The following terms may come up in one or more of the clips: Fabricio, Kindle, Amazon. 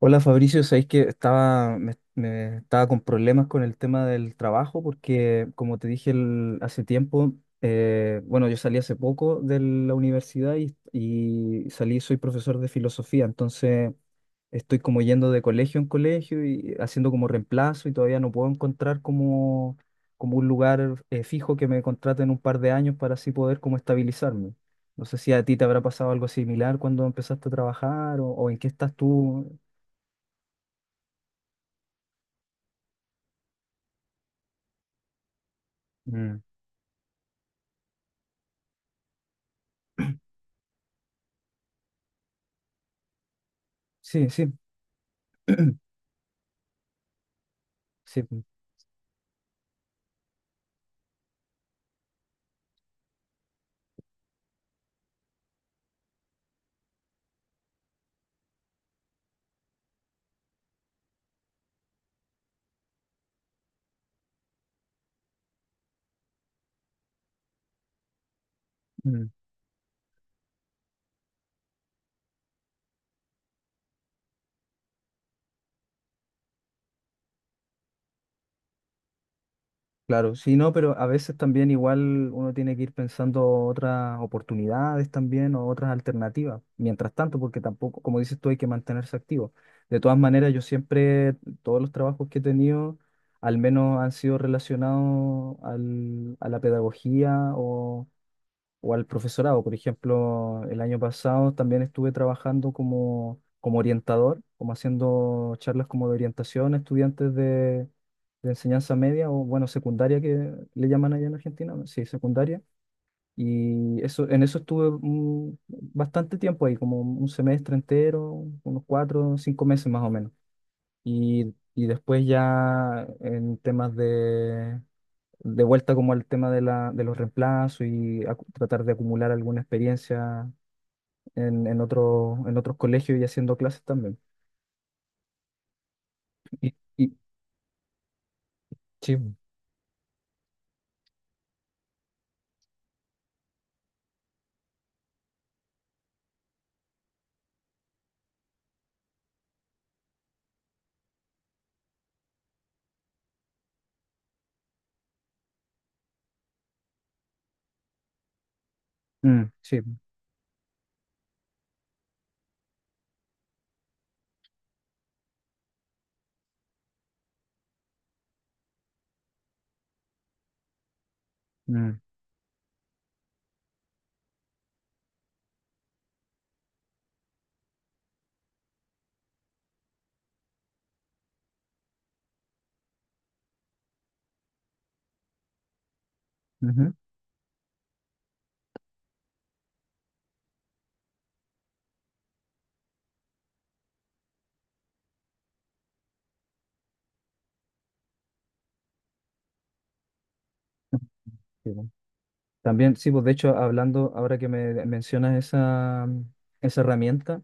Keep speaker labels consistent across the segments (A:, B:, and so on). A: Hola Fabricio, sabéis que estaba, me estaba con problemas con el tema del trabajo porque, como te dije hace tiempo, bueno, yo salí hace poco de la universidad y salí, soy profesor de filosofía, entonces estoy como yendo de colegio en colegio y haciendo como reemplazo y todavía no puedo encontrar como, como un lugar fijo que me contrate en un par de años para así poder como estabilizarme. No sé si a ti te habrá pasado algo similar cuando empezaste a trabajar o en qué estás tú. Mm. Sí, sí, sí, mm, claro, sí, no, pero a veces también igual uno tiene que ir pensando otras oportunidades también o otras alternativas, mientras tanto, porque tampoco, como dices tú, hay que mantenerse activo. De todas maneras, yo siempre, todos los trabajos que he tenido, al menos han sido relacionados a la pedagogía o al profesorado. Por ejemplo, el año pasado también estuve trabajando como, como orientador, como haciendo charlas como de orientación a estudiantes de enseñanza media o, bueno, secundaria que le llaman allá en Argentina, ¿no? Sí, secundaria. Y eso, en eso estuve bastante tiempo ahí, como un semestre entero, unos cuatro, cinco meses más o menos. Y después ya en temas de vuelta como al tema de la, de los reemplazos y tratar de acumular alguna experiencia en otro, en otros colegios y haciendo clases también. Y, y- sí, sí, mm, ujú, sí, bueno. También, sí, pues de hecho, hablando, ahora que me mencionas esa, esa herramienta,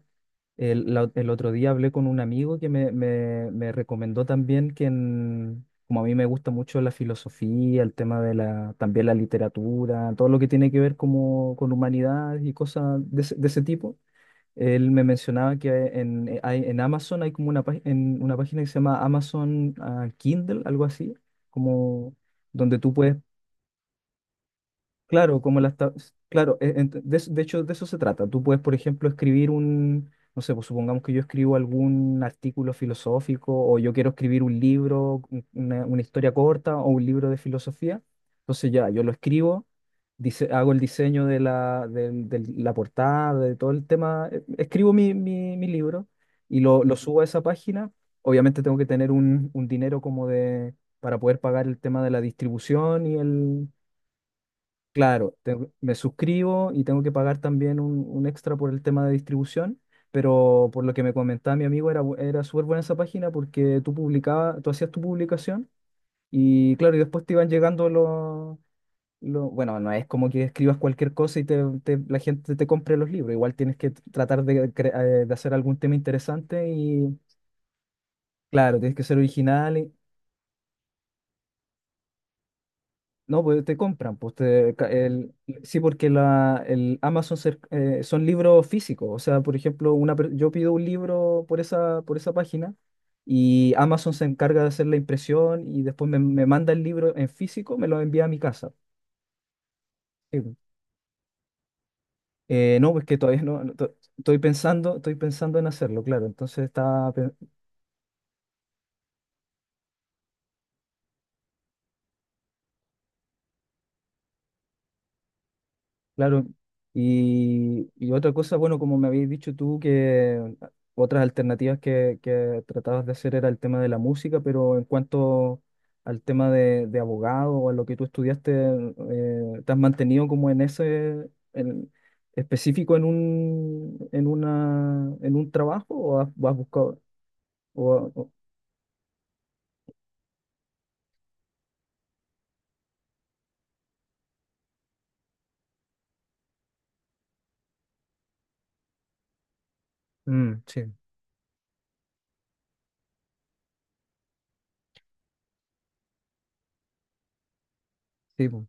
A: El otro día hablé con un amigo que me recomendó también que, como a mí me gusta mucho la filosofía, el tema de la, también la literatura, todo lo que tiene que ver como con humanidades y cosas ese de ese tipo, él me mencionaba que en, en Amazon hay como una, en una página que se llama Amazon Kindle, algo así, como donde tú puedes. Claro, como las claro, de hecho de eso se trata. Tú puedes, por ejemplo, escribir un, no sé, pues supongamos que yo escribo algún artículo filosófico o yo quiero escribir un libro, una historia corta o un libro de filosofía. Entonces ya, yo lo escribo, hago el diseño de la, la portada, de todo el tema, escribo mi, mi libro y lo Ujú subo a esa página. Obviamente tengo que tener un dinero como de, para poder pagar el tema de la distribución y el claro, me suscribo y tengo que pagar también un extra por el tema de distribución, pero por lo que me comentaba mi amigo era, era súper buena esa página porque tú publicabas, tú hacías tu publicación y claro, y después te iban llegando los, bueno, no es como que escribas cualquier cosa y te, la gente te compre los libros, igual tienes que tratar de, de hacer algún tema interesante y claro, tienes que ser original. No, pues te compran, pues te, el, sí, porque la, el Amazon son libros físicos, o sea, por ejemplo, una, yo pido un libro por esa página y Amazon se encarga de hacer la impresión y después me, me manda el libro en físico, me lo envía a mi casa. Sí, pues. No, pues que todavía no, no, estoy pensando en hacerlo, claro, entonces está claro. Y, y otra cosa, bueno, como me habéis dicho tú, que otras alternativas que tratabas de hacer era el tema de la música, pero en cuanto al tema de abogado o a lo que tú estudiaste, ¿te has mantenido como en ese, específico en un, en una, en un trabajo o has buscado? o- o- Mm, sí, sí, po.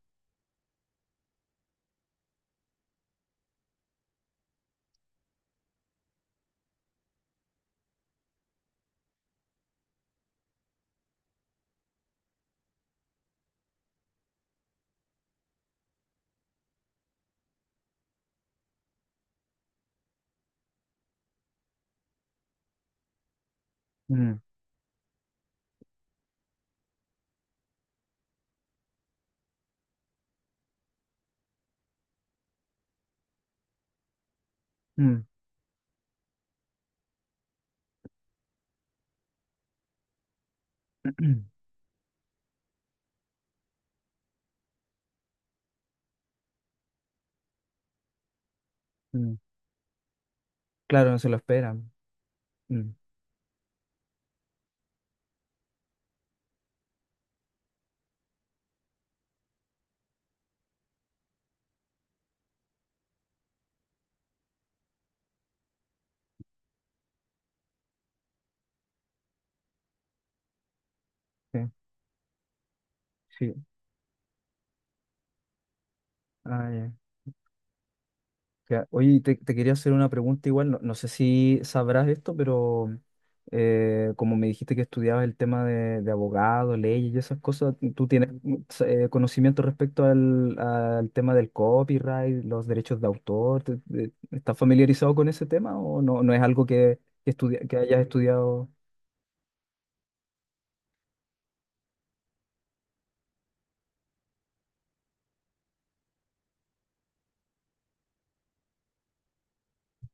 A: Mm, mm, mm. Claro, no se lo esperan. Mm, sí, sí. Ah, ya. Ya, oye, te quería hacer una pregunta igual, no, no sé si sabrás esto, pero como me dijiste que estudiabas el tema de abogado, leyes y esas cosas, ¿tú tienes conocimiento respecto al, al tema del copyright, los derechos de autor? ¿Estás familiarizado con ese tema o no, no es algo que, que hayas estudiado?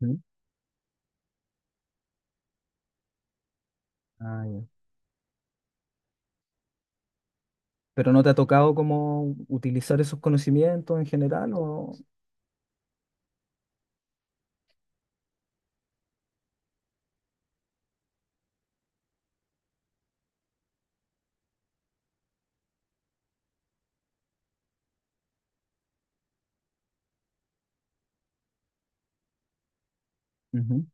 A: Ujú. Ah, ya. ¿Pero no te ha tocado como utilizar esos conocimientos en general o...? Ujú.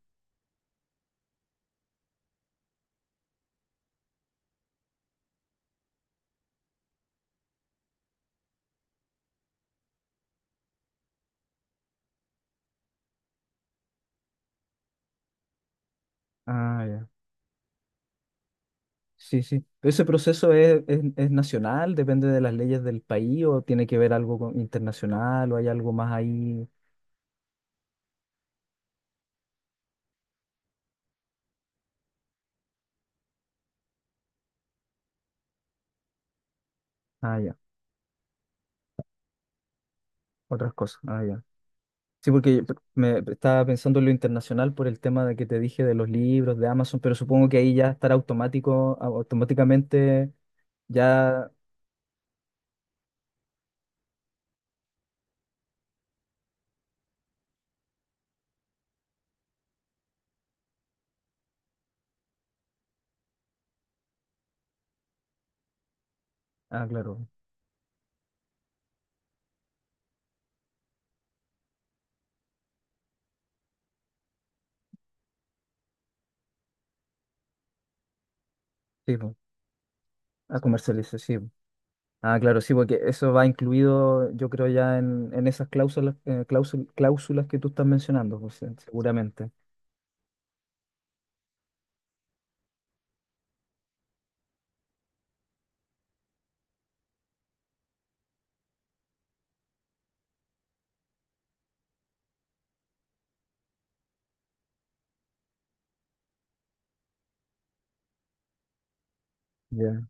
A: Ah, ya. Sí, sí. Pero ¿ese proceso es nacional? ¿Depende de las leyes del país o tiene que ver algo internacional o hay algo más ahí? Ah, ya. Otras cosas. Ah, ya. Sí, porque me estaba pensando en lo internacional por el tema de que te dije de los libros, de Amazon, pero supongo que ahí ya estará automático, automáticamente ya. Ah, claro. Sí, pues. A comercializar, sí. Po. Ah, claro, sí, porque eso va incluido, yo creo, ya en esas cláusulas, cláusulas que tú estás mencionando, pues, seguramente. Ya.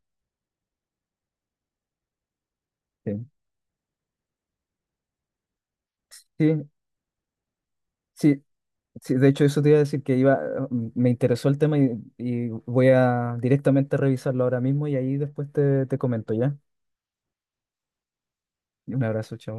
A: Sí. Sí, sí, sí, de hecho eso te iba a decir que iba, me interesó el tema y voy a directamente revisarlo ahora mismo y ahí después te, te comento, ¿ya? Un abrazo, chao.